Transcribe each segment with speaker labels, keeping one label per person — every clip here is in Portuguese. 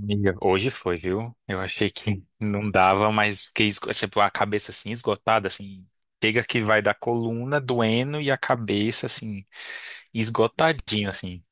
Speaker 1: Amiga, hoje foi, viu? Eu achei que não dava, mas fiquei a cabeça assim esgotada, assim. Chega que vai da coluna doendo e a cabeça assim esgotadinha, assim.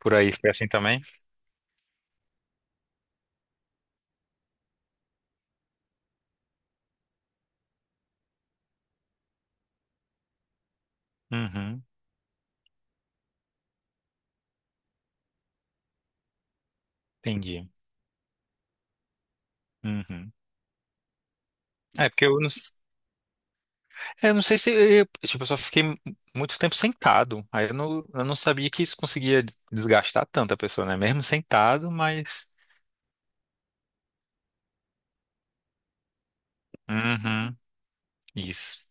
Speaker 1: Por aí foi assim também? Uhum, entendi. Uhum. É porque eu não, s- é, eu não sei se eu, tipo, eu só fiquei muito tempo sentado. Aí eu não sabia que isso conseguia desgastar tanto a pessoa, né? Mesmo sentado, mas. Uhum, isso.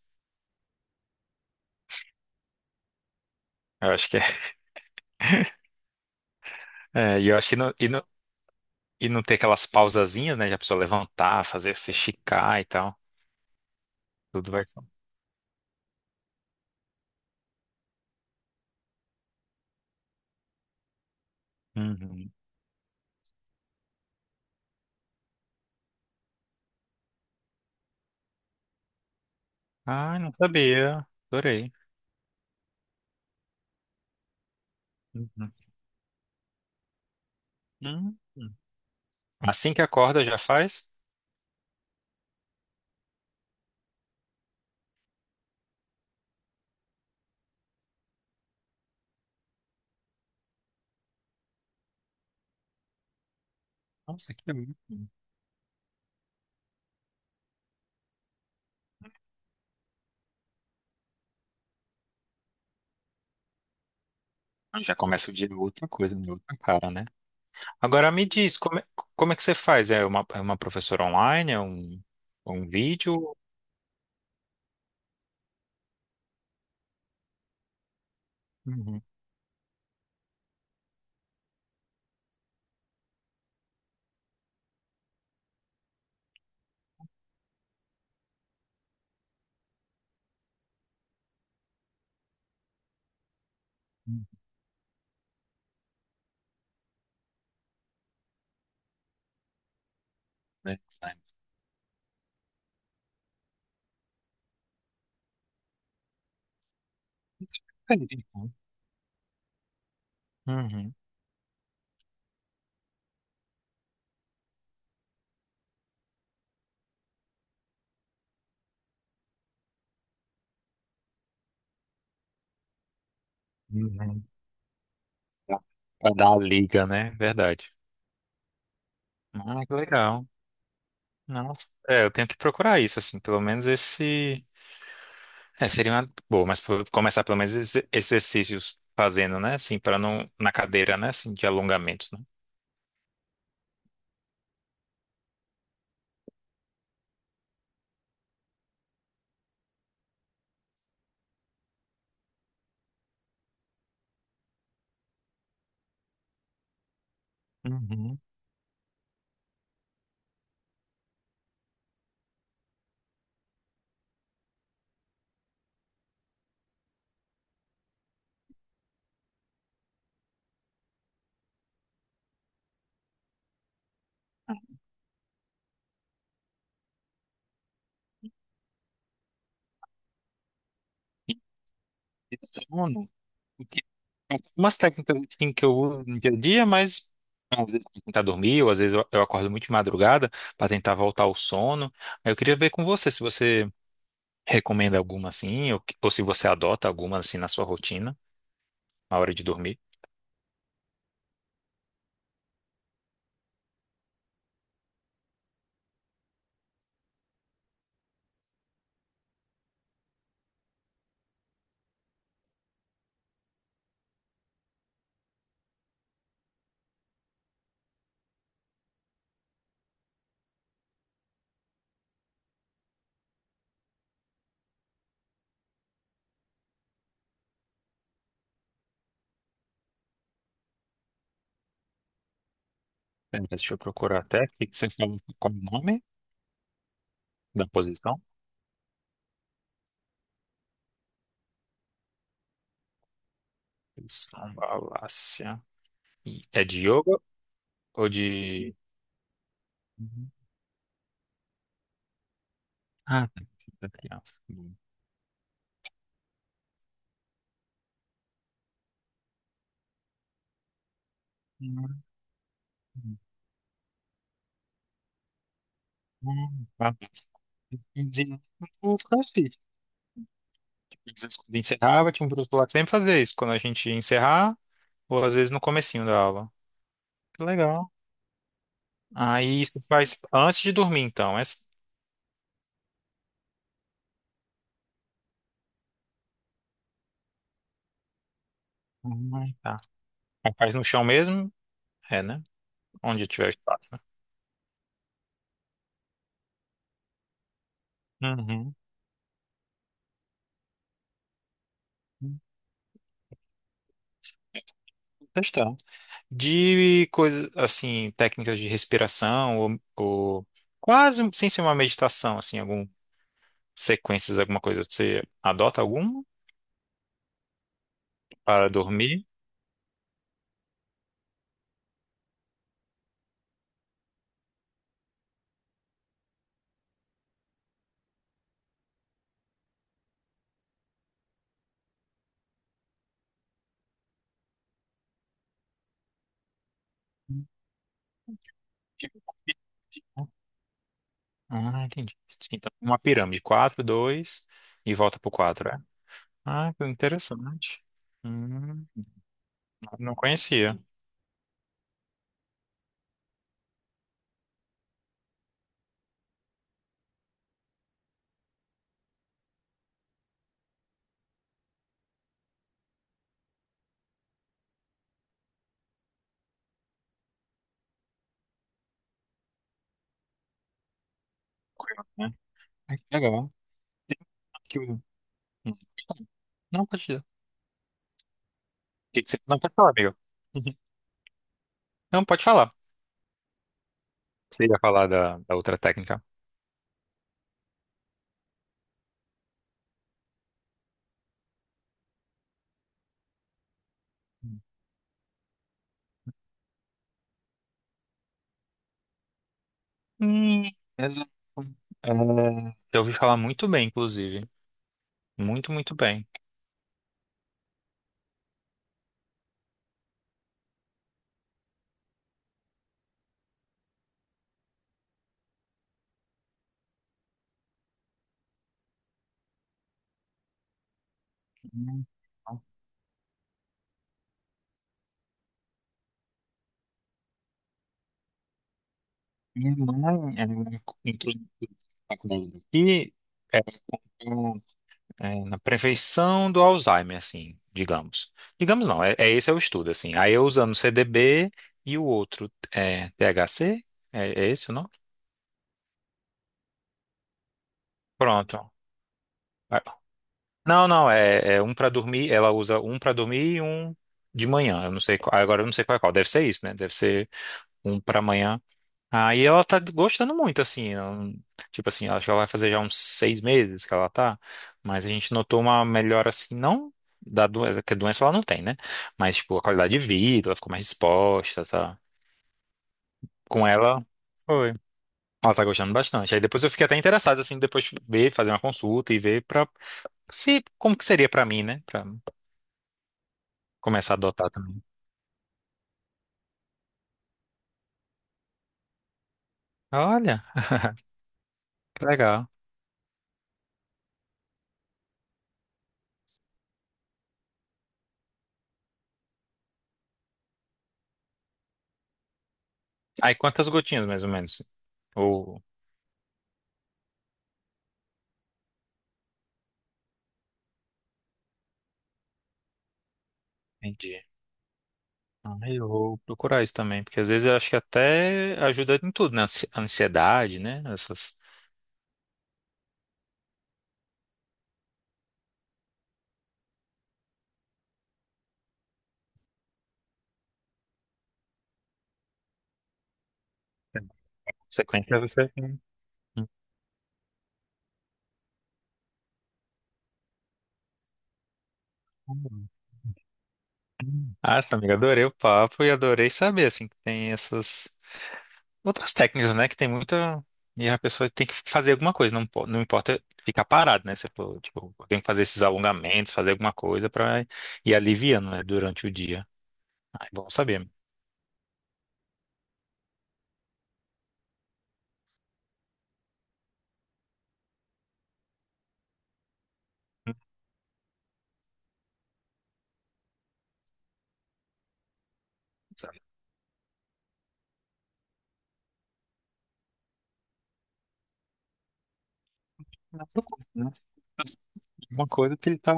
Speaker 1: Eu acho que é. É, e eu acho que não ter aquelas pausazinhas, né? Já precisa levantar, fazer se esticar e tal. Tudo vai só. Uhum. Ah, não sabia. Adorei. Uhum. Uhum. Assim que acorda, já faz? Nossa, que bom. Ah, já começa o dia com outra coisa, com outra cara, né? Agora me diz, como é que você faz? É uma professora online? É um, um vídeo? Uhum. Uhum. É, é. Uhum. Uhum. Tá. Pra dar a liga, né? Verdade. Ah, que legal. Nossa. É, eu tenho que procurar isso, assim, pelo menos esse. É, seria uma boa, mas começar pelo menos esses exercícios fazendo, né? Assim, para não. Na cadeira, né? Assim, de alongamentos, né? Uhum. E sono. Porque tem umas técnicas assim, que eu uso no dia a dia, mas às vezes eu tentar dormir, ou às vezes eu acordo muito de madrugada para tentar voltar ao sono. Aí eu queria ver com você se você recomenda alguma assim, ou, ou se você adota alguma assim na sua rotina, na hora de dormir. Pera, deixa eu procurar até. O que que você fala? Qual o nome da posição? Posição Valácia. E é de yoga ou de. Uhum. Ah, tá. Deixa eu hum, hum, hum. Ah, tá. De- o CrossFit. Às quando encerrava, tinha um professor lá que sempre fazia isso, quando a gente ia encerrar, ou às vezes no comecinho da aula. Que legal. Aí isso faz antes de dormir, então. Essa... Ah, tá. Aí faz no chão mesmo? É, né? Onde tiver espaço, né? Uhum. Questão. De coisas, assim, técnicas de respiração, ou quase sem ser uma meditação, assim, algum sequências, alguma coisa. Você adota alguma para dormir? Ah, entendi. Então, uma pirâmide. 4, 2 e volta pro 4, é? Ah, que interessante. Hum, não conhecia. Curioso, né? Ah, que legal. Tem aqui o- não, pode dizer. O que que você... Não, pode falar, amigo. Não, pode falar. Você ia falar da outra técnica. Hum, exato. É, eu ouvi falar muito bem, inclusive. Muito, muito bem. Hum. Minha irmã, ela entrou na faculdade daqui, é, na prevenção do Alzheimer, assim, digamos. Digamos não, é esse é o estudo, assim. Aí eu usando CDB e o outro é THC? É, é esse o nome? Pronto. Ah, não, não, é um para dormir, ela usa um para dormir e um de manhã. Eu não sei, agora eu não sei qual é qual. Deve ser isso, né? Deve ser um para manhã. Aí ela tá gostando muito, assim. Ela não- Tipo assim, acho que ela vai fazer já uns 6 meses que ela tá. Mas a gente notou uma melhora, assim, não da doença, que a doença ela não tem, né? Mas, tipo, a qualidade de vida, ela ficou mais disposta, tá? Com ela, foi. Ela tá gostando bastante. Aí depois eu fiquei até interessado, assim, depois de ver, fazer uma consulta e ver pra se, como que seria pra mim, né? Pra começar a adotar também. Olha, que legal. Aí quantas gotinhas, mais ou menos? Ou. Entendi. Ah, eu vou procurar isso também, porque às vezes eu acho que até ajuda em tudo, né? A ansiedade, né? Essas sequências você. Hum. Ah, essa amiga, adorei o papo e adorei saber, assim, que tem essas outras técnicas, né? Que tem muita. E a pessoa tem que fazer alguma coisa, não, não importa ficar parado, né? Você falou, tipo, tem que fazer esses alongamentos, fazer alguma coisa pra ir aliviando, né? Durante o dia. Ah, é bom saber. Hum. Sabe, mas eu curto, né? Alguma coisa que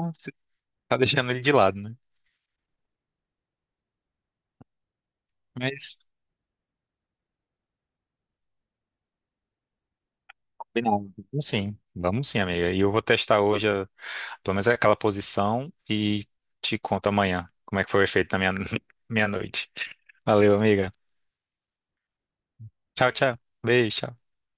Speaker 1: tá deixando ele de lado, né? Mas combinado. Vamos sim, amiga. E eu vou testar hoje, pelo menos aquela posição, e te conto amanhã como é que foi o efeito na minha, minha noite. Valeu, amiga. Tchau, tchau. Beijo. Tchau.